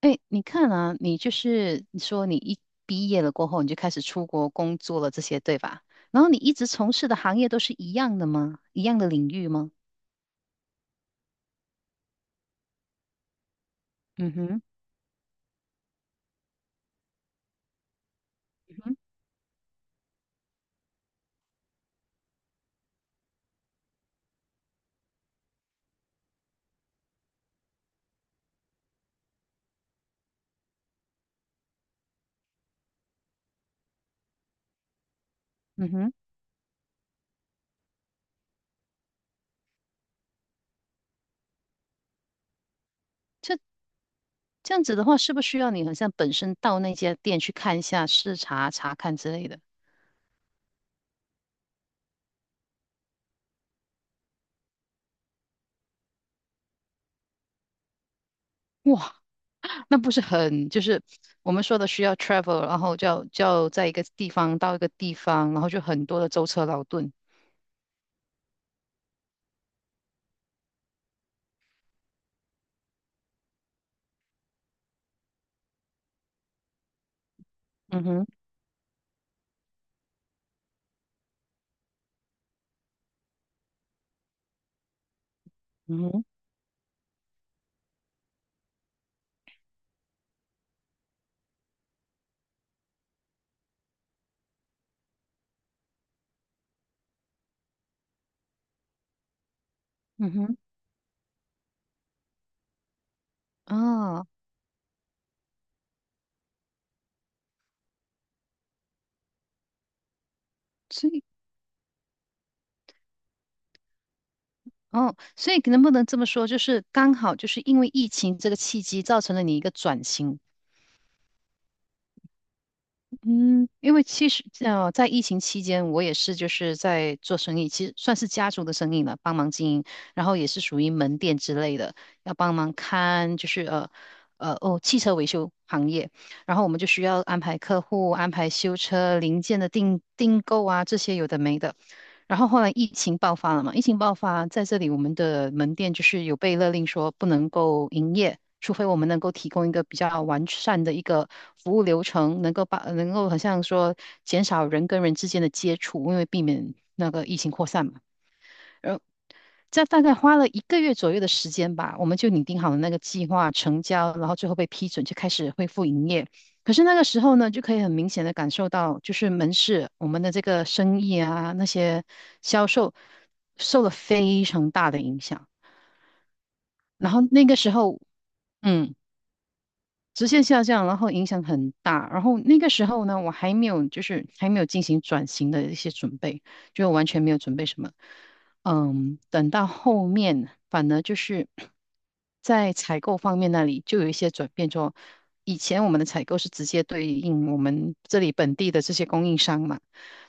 哎，你看啊，你就是你说你一毕业了过后，你就开始出国工作了，这些对吧？然后你一直从事的行业都是一样的吗？一样的领域吗？嗯哼，嗯哼，嗯哼，这样子的话，是不是需要你好像本身到那家店去看一下、视察、查看之类的？哇，那不是很就是我们说的需要 travel，然后就要在一个地方到一个地方，然后就很多的舟车劳顿。嗯哼，嗯哼，嗯哼，啊。所以。哦，所以能不能这么说，就是刚好就是因为疫情这个契机，造成了你一个转型。嗯，因为其实在疫情期间，我也是就是在做生意，其实算是家族的生意了，帮忙经营，然后也是属于门店之类的，要帮忙看就是汽车维修行业，然后我们就需要安排客户、安排修车零件的订购啊，这些有的没的。然后后来疫情爆发了嘛，疫情爆发在这里，我们的门店就是有被勒令说不能够营业，除非我们能够提供一个比较完善的一个服务流程，能够把能够好像说减少人跟人之间的接触，因为避免那个疫情扩散嘛。在大概花了一个月左右的时间吧，我们就拟定好了那个计划，成交，然后最后被批准，就开始恢复营业。可是那个时候呢，就可以很明显的感受到，就是门市我们的这个生意啊，那些销售受了非常大的影响。然后那个时候，嗯。直线下降，然后影响很大。然后那个时候呢，我还没有就是还没有进行转型的一些准备，就完全没有准备什么。嗯，等到后面反而就是在采购方面那里就有一些转变，就以前我们的采购是直接对应我们这里本地的这些供应商嘛。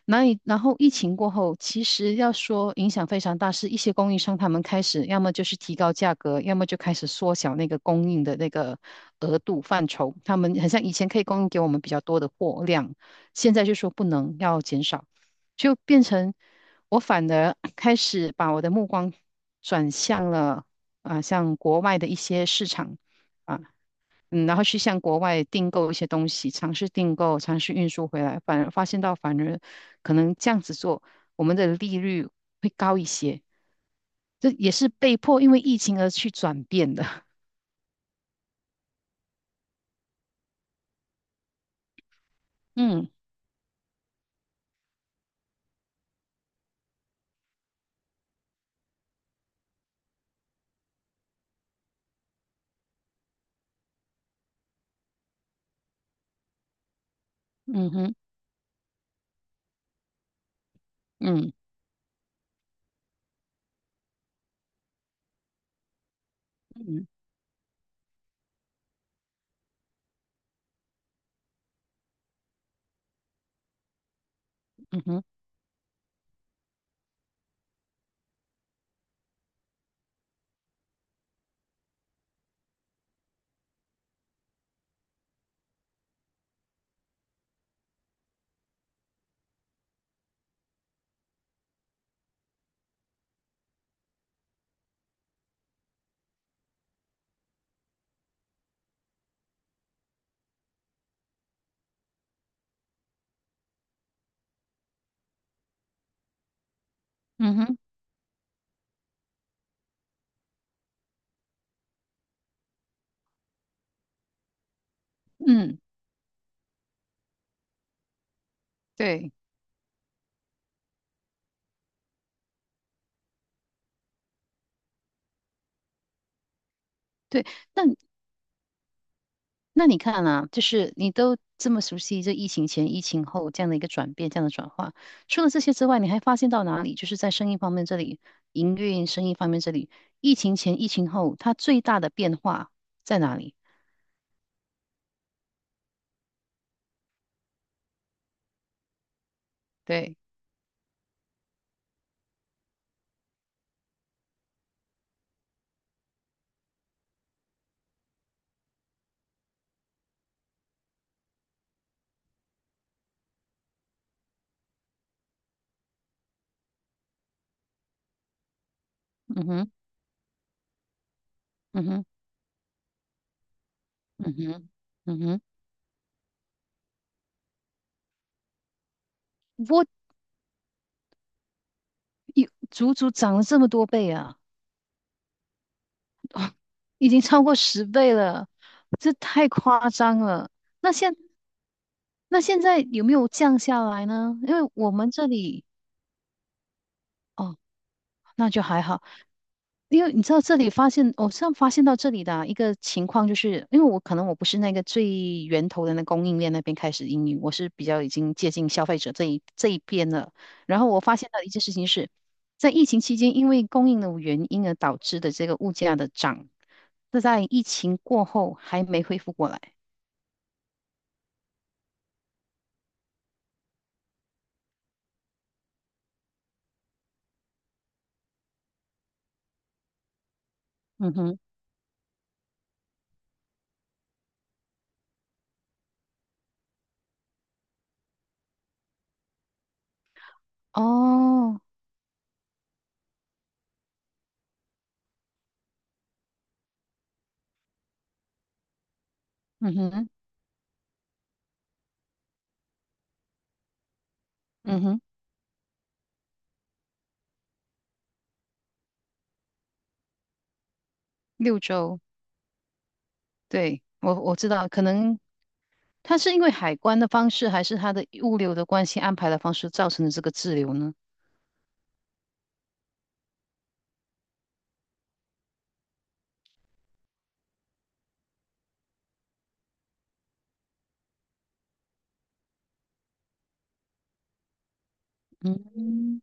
然后疫情过后，其实要说影响非常大，是一些供应商他们开始要么就是提高价格，要么就开始缩小那个供应的那个额度范畴。他们很像以前可以供应给我们比较多的货量，现在就说不能，要减少，就变成我反而 开始把我的目光转向了啊、像国外的一些市场。啊。嗯，然后去向国外订购一些东西，尝试订购，尝试运输回来，反而发现到反而可能这样子做，我们的利率会高一些。这也是被迫因为疫情而去转变的。嗯嗯哼嗯嗯嗯哼嗯哼嗯，对对。那那你看啊，就是你都这么熟悉这疫情前、疫情后这样的一个转变、这样的转化，除了这些之外，你还发现到哪里？就是在生意方面这里，营运生意方面这里，疫情前、疫情后，它最大的变化在哪里？对，嗯哼，嗯哼，嗯哼，嗯哼，我有足足涨了这么多倍啊，已经超过10倍了，这太夸张了。那现那现在有没有降下来呢？因为我们这里哦，那就还好。因为你知道这里发现，我上发现到这里的啊一个情况，就是因为我可能我不是那个最源头的那供应链那边开始应用，我是比较已经接近消费者这一边了。然后我发现到一件事情是，在疫情期间，因为供应的原因而导致的这个物价的涨，那在疫情过后还没恢复过来。嗯哼，哦，嗯哼，嗯哼，六周，对，我知道，可能它是因为海关的方式，还是它的物流的关系安排的方式造成的这个滞留呢？嗯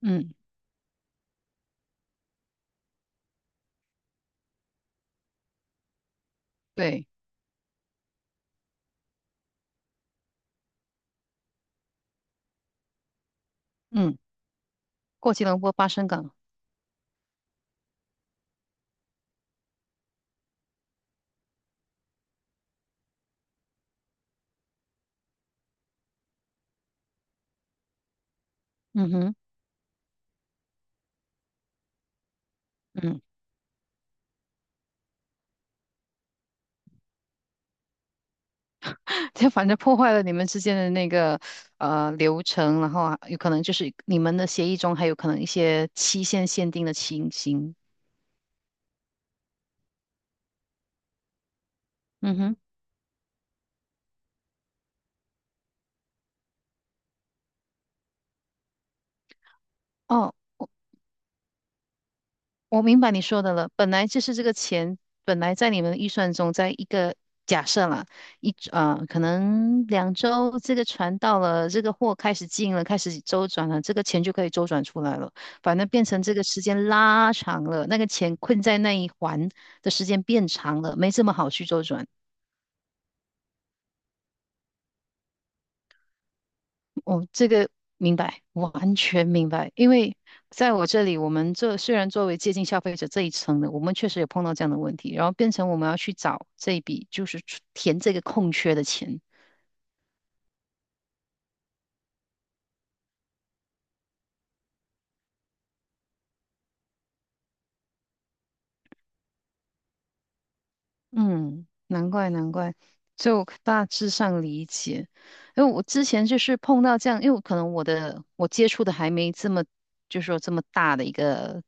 嗯，对，嗯，过吉隆坡巴生港，嗯哼，嗯，就反正破坏了你们之间的那个流程，然后啊有可能就是你们的协议中还有可能一些期限限定的情形。嗯哼，哦。我明白你说的了，本来就是这个钱，本来在你们的预算中，在一个假设啦，可能2周这个船到了，这个货开始进了，开始周转了，这个钱就可以周转出来了。反正变成这个时间拉长了，那个钱困在那一环的时间变长了，没这么好去周转。我这个明白，完全明白。因为在我这里，我们这虽然作为接近消费者这一层的，我们确实有碰到这样的问题，然后变成我们要去找这一笔，就是出填这个空缺的钱。嗯，难怪难怪，就大致上理解。因为我之前就是碰到这样，因为可能我的我接触的还没这么，就是说这么大的一个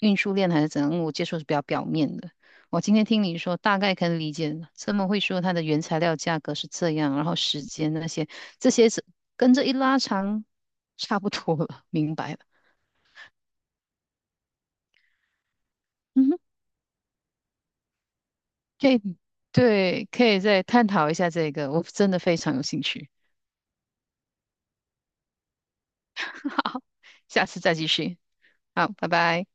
运输链还是怎样，我接触是比较表面的。我今天听你说，大概可以理解了。这么会说它的原材料价格是这样，然后时间那些这些是跟着一拉长，差不多了，明白了。嗯哼，可以，对，可以再探讨一下这个，我真的非常有兴趣。好，下次再继续。好，拜拜。